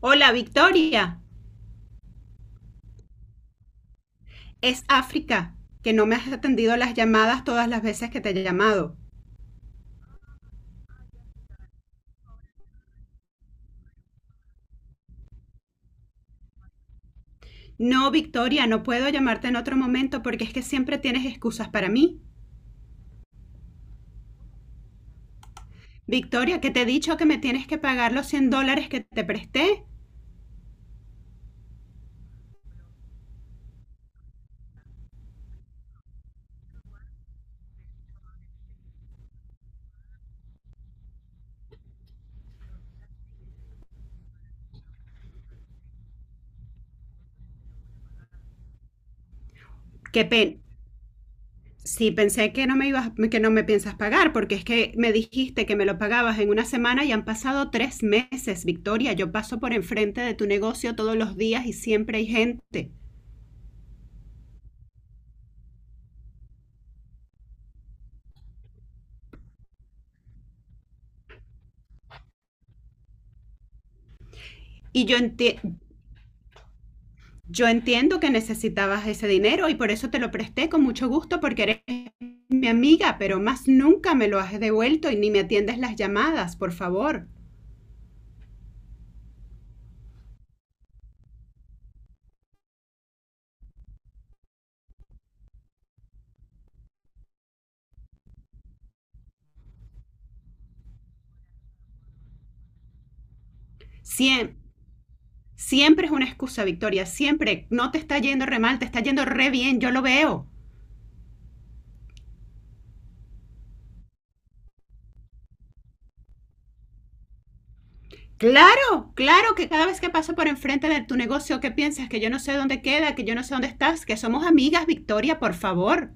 Hola, Victoria. Es África, que no me has atendido las llamadas todas las veces que te he llamado. No, Victoria, no puedo llamarte en otro momento porque es que siempre tienes excusas para mí. Victoria, que te he dicho que me tienes que pagar los $100 que te presté. Qué pena. Sí, pensé que no me ibas, que no me piensas pagar, porque es que me dijiste que me lo pagabas en una semana y han pasado 3 meses, Victoria. Yo paso por enfrente de tu negocio todos los días y siempre hay gente. Y yo enti- Yo entiendo que necesitabas ese dinero y por eso te lo presté con mucho gusto porque eres mi amiga, pero más nunca me lo has devuelto y ni me atiendes las llamadas, por favor. Siem- siempre es una excusa, Victoria, siempre. No te está yendo re mal, te está yendo re bien, yo lo veo. Claro, claro que cada vez que paso por enfrente de tu negocio, ¿qué piensas? Que yo no sé dónde queda, que yo no sé dónde estás, que somos amigas, Victoria, por favor.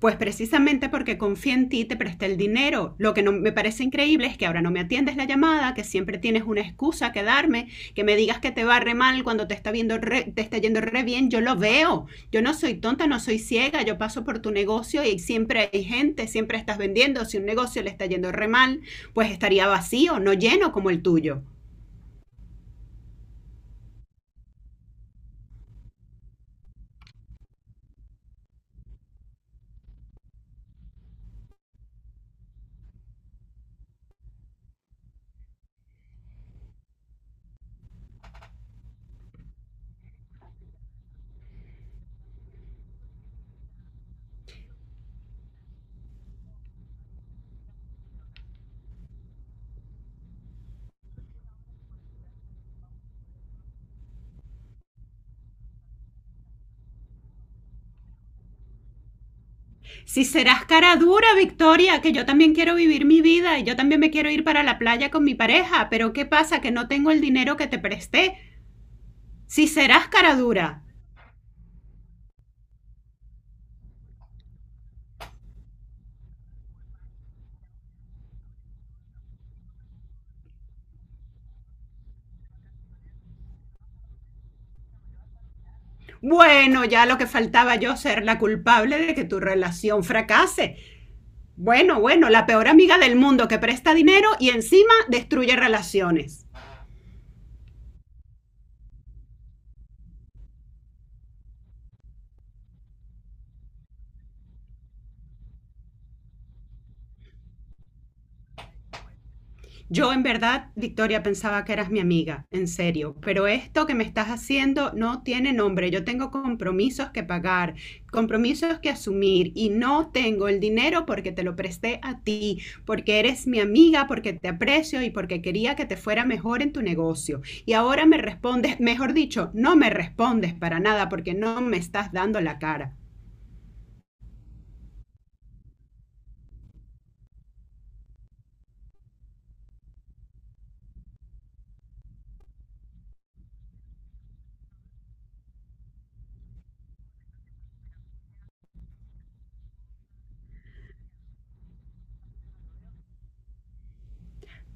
Pues precisamente porque confía en ti, te presté el dinero. Lo que no me parece increíble es que ahora no me atiendes la llamada, que siempre tienes una excusa que darme, que me digas que te va re mal cuando te está yendo re bien. Yo lo veo. Yo no soy tonta, no soy ciega. Yo paso por tu negocio y siempre hay gente, siempre estás vendiendo. Si un negocio le está yendo re mal, pues estaría vacío, no lleno como el tuyo. Si serás cara dura, Victoria, que yo también quiero vivir mi vida y yo también me quiero ir para la playa con mi pareja, pero ¿qué pasa? Que no tengo el dinero que te presté. Si serás cara dura. Bueno, ya lo que faltaba, yo ser la culpable de que tu relación fracase. Bueno, bueno, la peor amiga del mundo que presta dinero y encima destruye relaciones. Yo en verdad, Victoria, pensaba que eras mi amiga, en serio, pero esto que me estás haciendo no tiene nombre. Yo tengo compromisos que pagar, compromisos que asumir y no tengo el dinero porque te lo presté a ti, porque eres mi amiga, porque te aprecio y porque quería que te fuera mejor en tu negocio. Y ahora me respondes, mejor dicho, no me respondes para nada porque no me estás dando la cara.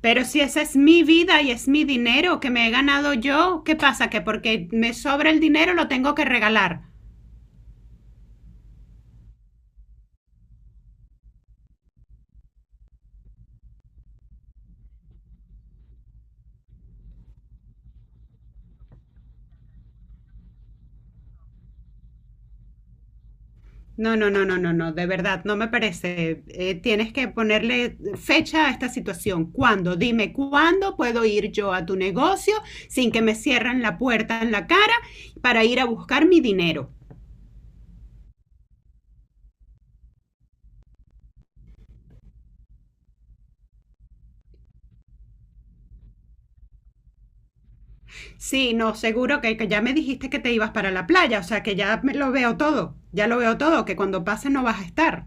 Pero si esa es mi vida y es mi dinero que me he ganado yo, ¿qué pasa? Que porque me sobra el dinero lo tengo que regalar. No, no, no, no, no, no, de verdad, no me parece. Tienes que ponerle fecha a esta situación. ¿Cuándo? Dime cuándo puedo ir yo a tu negocio sin que me cierren la puerta en la cara para ir a buscar mi dinero. Sí, no, seguro que ya me dijiste que te ibas para la playa, o sea que ya me lo veo todo, ya lo veo todo, que cuando pase no vas a estar.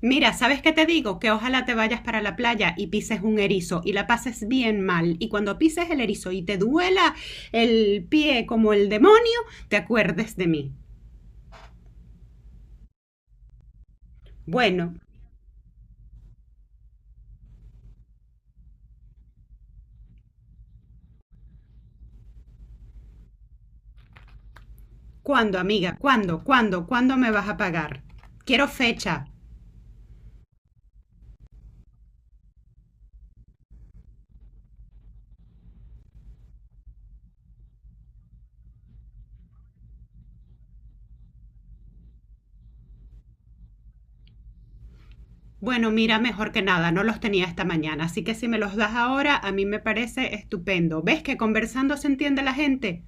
Mira, ¿sabes qué te digo? Que ojalá te vayas para la playa y pises un erizo y la pases bien mal. Y cuando pises el erizo y te duela el pie como el demonio, te acuerdes de mí. Bueno, ¿cuándo, amiga? ¿Cuándo? ¿Cuándo? ¿Cuándo me vas a pagar? Quiero fecha. Bueno, mira, mejor que nada, no los tenía esta mañana, así que si me los das ahora, a mí me parece estupendo. ¿Ves que conversando se entiende la gente?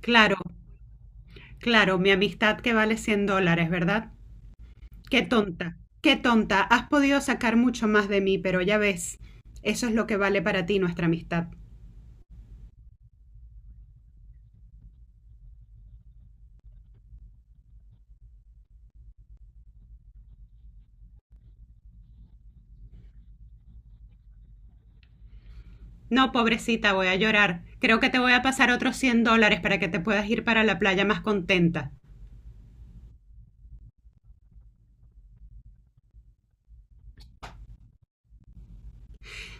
Claro, claro, mi amistad que vale $100, ¿verdad? Qué tonta, qué tonta. Has podido sacar mucho más de mí, pero ya ves, eso es lo que vale para ti nuestra amistad. No, pobrecita, voy a llorar. Creo que te voy a pasar otros $100 para que te puedas ir para la playa más contenta.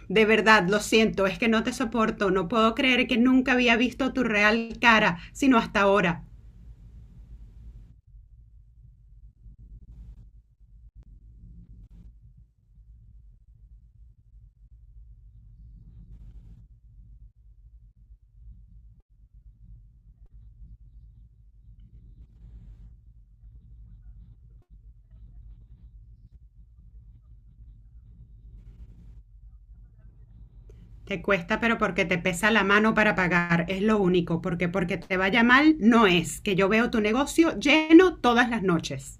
De verdad, lo siento, es que no te soporto. No puedo creer que nunca había visto tu real cara, sino hasta ahora. Te cuesta, pero porque te pesa la mano para pagar, es lo único, porque te vaya mal no es, que yo veo tu negocio lleno todas las noches.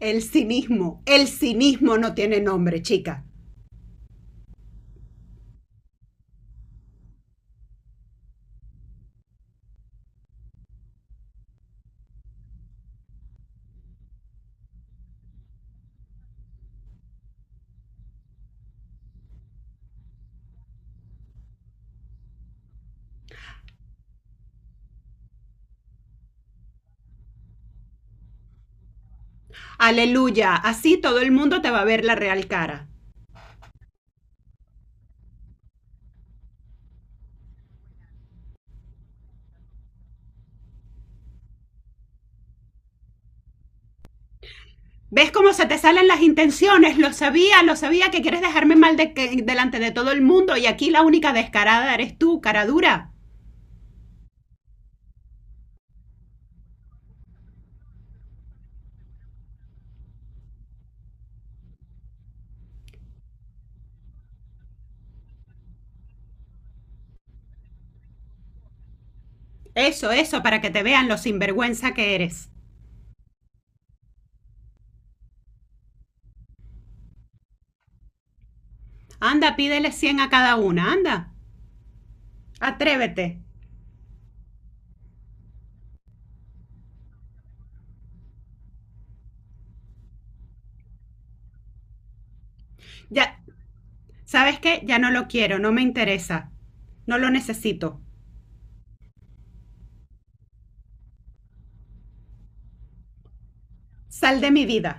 El cinismo no tiene nombre, chica. Aleluya, así todo el mundo te va a ver la real cara. ¿Ves cómo se te salen las intenciones? Lo sabía que quieres dejarme mal delante de todo el mundo y aquí la única descarada eres tú, cara dura. Eso, para que te vean lo sinvergüenza que eres. Anda, pídele 100 a cada una, anda. Atrévete. Ya, ¿sabes qué? Ya no lo quiero, no me interesa. No lo necesito. Sal de mi vida.